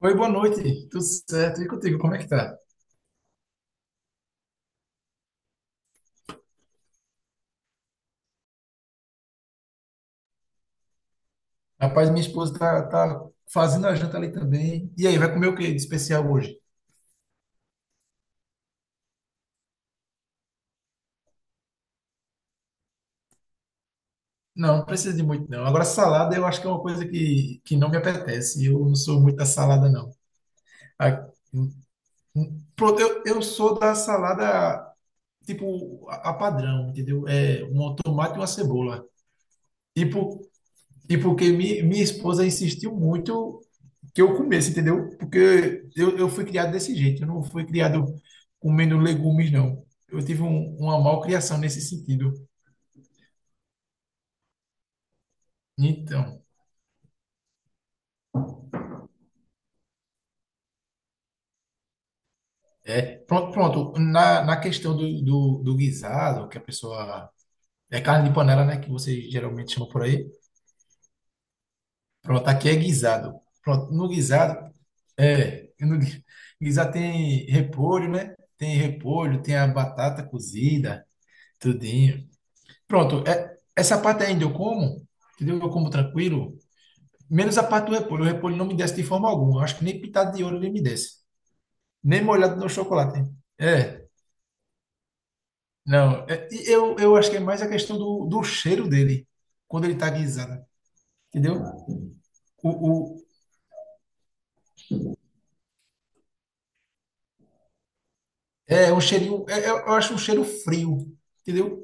Oi, boa noite. Tudo certo? E contigo, como é que tá? Rapaz, minha esposa tá fazendo a janta ali também. E aí, vai comer o que de especial hoje? Não, não precisa de muito, não. Agora, salada eu acho que é uma coisa que não me apetece. Eu não sou muito da salada, não. Hum, hum. Pronto, eu sou da salada, tipo, a padrão, entendeu? É um tomate e uma cebola. Tipo, e porque minha esposa insistiu muito que eu comesse, entendeu? Porque eu fui criado desse jeito, eu não fui criado comendo legumes, não. Eu tive uma malcriação nesse sentido. Então, pronto, pronto. Na questão do guisado, que a pessoa. É carne de panela, né? Que vocês geralmente chamam por aí. Pronto, aqui é guisado. Pronto, no guisado, é. No guisado tem repolho, né? Tem repolho, tem a batata cozida, tudinho. Pronto, essa parte ainda eu como, entendeu? Eu como tranquilo. Menos a parte do repolho. O repolho não me desce de forma alguma. Eu acho que nem pintado de ouro ele me desce. Nem molhado no chocolate. É, não. Eu acho que é mais a questão do cheiro dele, quando ele tá guisado, entendeu? O, o, é um cheirinho, eu acho um cheiro frio, entendeu?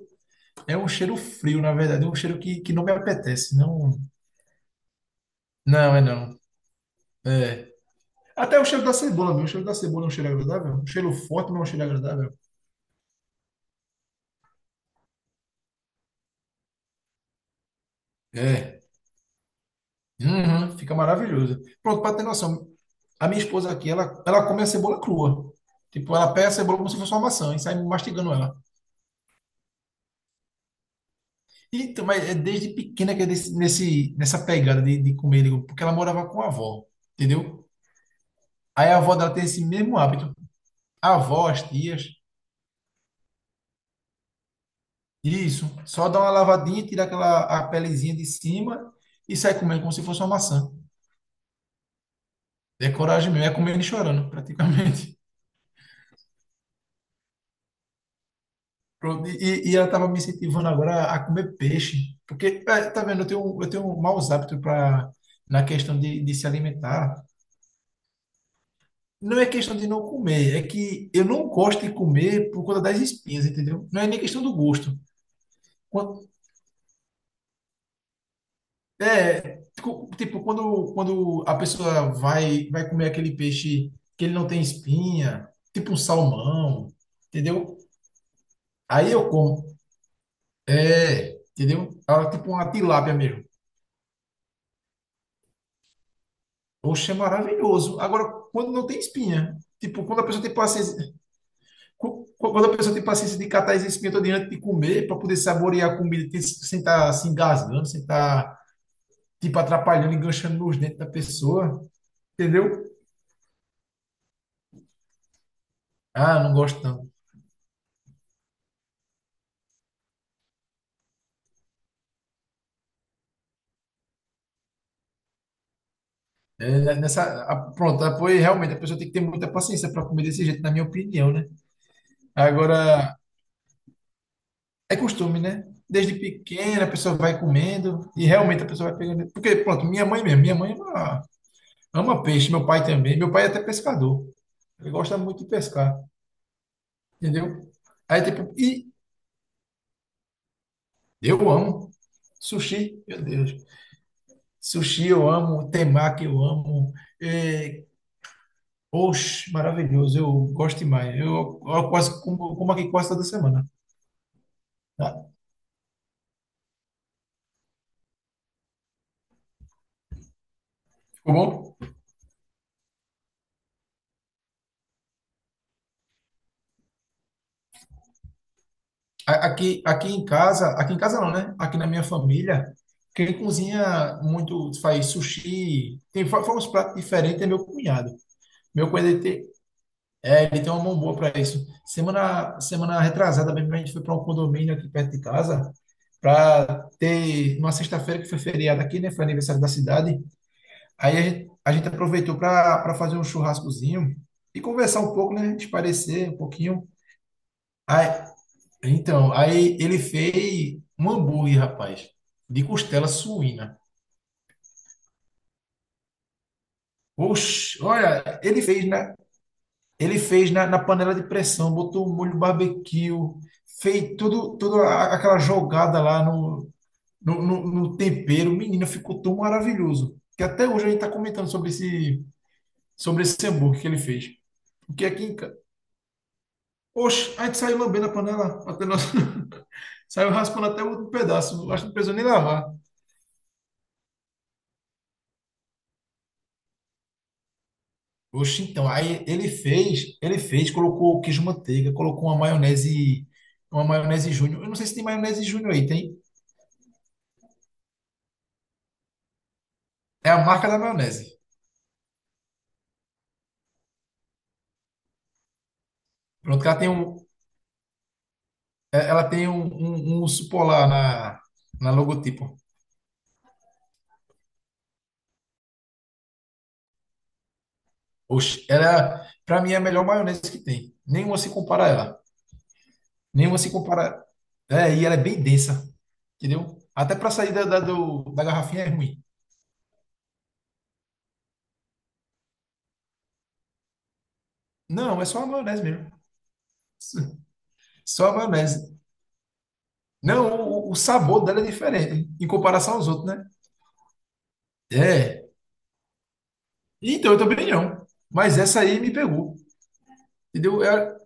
É um cheiro frio, na verdade. É um cheiro que não me apetece. Não, não, é não. É. Até o cheiro da cebola, meu. O cheiro da cebola é um cheiro agradável. Um cheiro forte, mas é um cheiro agradável. É. Uhum, fica maravilhoso. Pronto, para ter noção, a minha esposa aqui, ela come a cebola crua. Tipo, ela pega a cebola como se fosse uma maçã e sai mastigando ela. Então, mas é desde pequena que é nessa pegada de comer, digo, porque ela morava com a avó, entendeu? Aí a avó dela tem esse mesmo hábito. A avó, as tias, isso, só dá uma lavadinha, tira aquela a pelezinha de cima e sai comendo como se fosse uma maçã. É coragem mesmo, é comendo e chorando, praticamente. Pronto, e ela estava me incentivando agora a comer peixe, porque, tá vendo, eu tenho um maus hábitos pra, na questão de se alimentar. Não é questão de não comer, é que eu não gosto de comer por conta das espinhas, entendeu? Não é nem questão do gosto. Quando- tipo, quando a pessoa vai comer aquele peixe que ele não tem espinha, tipo um salmão, entendeu? Aí eu como. É, entendeu? Ah, tipo uma tilápia mesmo. Oxe, é maravilhoso. Agora, quando não tem espinha, tipo, quando a pessoa tem paciência, quando a pessoa tem paciência de catar as espinhas todas antes de comer, para poder saborear a comida sem estar se engasgando, sem estar, tipo, atrapalhando, enganchando nos dentes da pessoa, entendeu? Ah, não gosto não. É, né, pronto, ah, pois realmente a pessoa tem que ter muita paciência para comer desse jeito, na minha opinião, né? Agora, é costume, né? Desde pequena a pessoa vai comendo e realmente a pessoa vai pegando. Porque, pronto, minha mãe mesmo, minha mãe é uma. Ama peixe, meu pai também. Meu pai é até pescador. Ele gosta muito de pescar, entendeu? Aí tipo, e eu amo sushi, meu Deus. Sushi eu amo, temaki eu amo. É, oxe, maravilhoso, eu gosto demais. Eu quase como aqui quase toda semana. Tá? Ficou bom? Aqui, aqui em casa não, né? Aqui na minha família, quem cozinha muito faz sushi, tem faz uns pratos diferentes é meu cunhado. Meu cunhado, ele é, ele tem uma mão boa para isso. Semana retrasada mesmo, a gente foi para um condomínio aqui perto de casa, para ter uma sexta-feira que foi feriado aqui, né? Foi aniversário da cidade. Aí a gente aproveitou para fazer um churrascozinho e conversar um pouco, né? Esparecer um pouquinho. Aí, então, aí ele fez um hambúrguer, rapaz, de costela suína. Oxe, olha, ele fez, né? Ele fez na panela de pressão, botou um molho barbecue, fez tudo, tudo aquela jogada lá no tempero. Menino, ficou tão maravilhoso. Que até hoje a gente está comentando sobre esse hambúrguer que ele fez. Porque aqui em casa. Oxe, a gente saiu lambendo a panela. Até nós. Saiu raspando até o último pedaço. Acho que não precisou nem lavar. Oxe, então. Aí ele fez, colocou queijo manteiga, colocou uma maionese Júnior. Eu não sei se tem maionese Júnior aí, tem? É a marca da maionese. Pronto, que ela tem um urso polar na logotipo. Oxe, era, pra mim, é a melhor maionese que tem. Nenhuma se compara a ela. Nenhuma se compara. É, e ela é bem densa, entendeu? Até pra sair da garrafinha é ruim. Não, é só a maionese mesmo. Só a maionese. Não, o sabor dela é diferente em comparação aos outros, né? É. Então, eu também não. Mas essa aí me pegou, entendeu? É,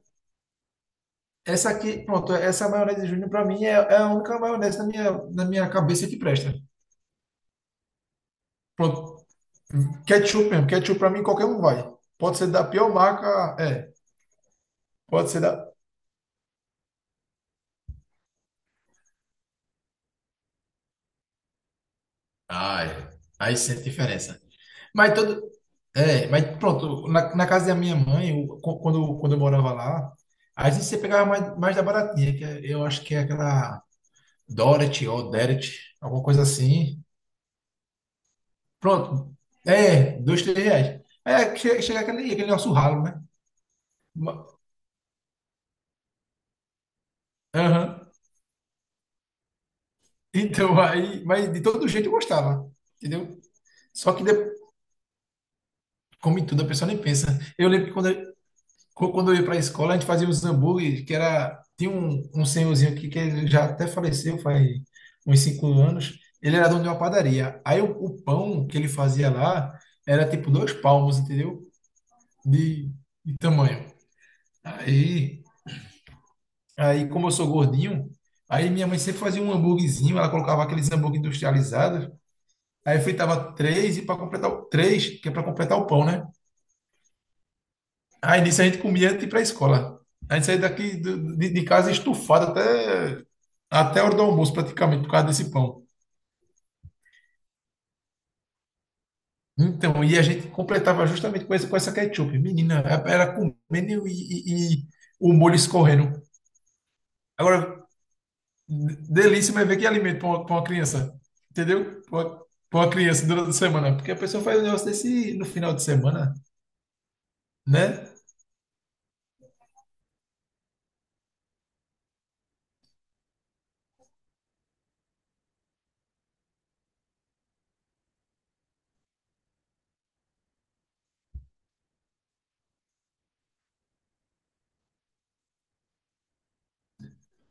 essa aqui, pronto, essa maionese de Júnior para mim é a única maionese na minha cabeça que presta. Pronto. Ketchup mesmo, ketchup para mim qualquer um vai. Pode ser da pior marca, é. Pode ser da. Ah, é. Aí sente diferença. Mas todo. É, mas pronto, na casa da minha mãe, quando eu morava lá, às vezes você pegava mais da baratinha, que eu acho que é aquela Dorothy ou Derek, alguma coisa assim. Pronto. É, 2, 3 reais. É, chega aquele nosso ralo, né? Aham. Então, aí, mas de todo jeito eu gostava, entendeu? Só que, como em tudo, a pessoa nem pensa. Eu lembro que quando eu ia para a escola, a gente fazia uns hambúrgueres, que era. Tinha um senhorzinho aqui que ele já até faleceu faz uns 5 anos. Ele era dono de uma padaria. Aí o pão que ele fazia lá era tipo 2 palmos, entendeu? De, de tamanho. Aí, aí, como eu sou gordinho, aí minha mãe sempre fazia um hambúrguerzinho, ela colocava aqueles hambúrguer industrializados. Aí fritava três e para completar o três, que é para completar o pão, né? Aí nisso a gente comia antes de ir para a escola. A gente saía daqui de casa estufado até a hora do almoço, praticamente, por causa desse pão. Então, e a gente completava justamente com essa ketchup. Menina, era comendo e o molho escorrendo. Agora, delícia, mas ver que alimento para uma, pra uma criança, entendeu? Para uma, pra uma criança durante a semana. Porque a pessoa faz um negócio desse no final de semana, né?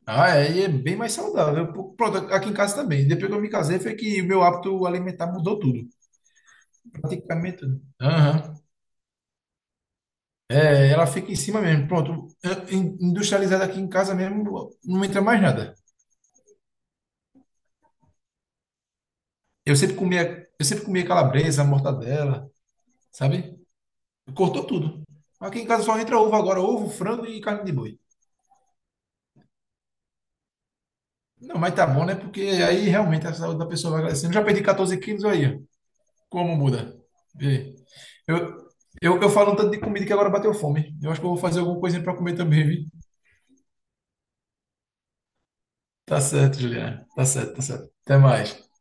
Ah, é, e é bem mais saudável. Pô, pronto, aqui em casa também. Depois que eu me casei, foi que o meu hábito alimentar mudou tudo. Praticamente tudo. Aham. É, ela fica em cima mesmo. Pronto, é, industrializada aqui em casa mesmo, não entra mais nada. Eu sempre comia calabresa, mortadela, sabe? Cortou tudo. Aqui em casa só entra ovo agora, ovo, frango e carne de boi. Não, mas tá bom, né? Porque aí realmente a saúde da pessoa vai crescendo. Já perdi 14 quilos aí, ó. Como muda? Vê aí. Eu, eu falo um tanto de comida que agora bateu fome. Eu acho que eu vou fazer alguma coisa para comer também, vi? Tá certo, Juliana. Tá certo, tá certo. Até mais.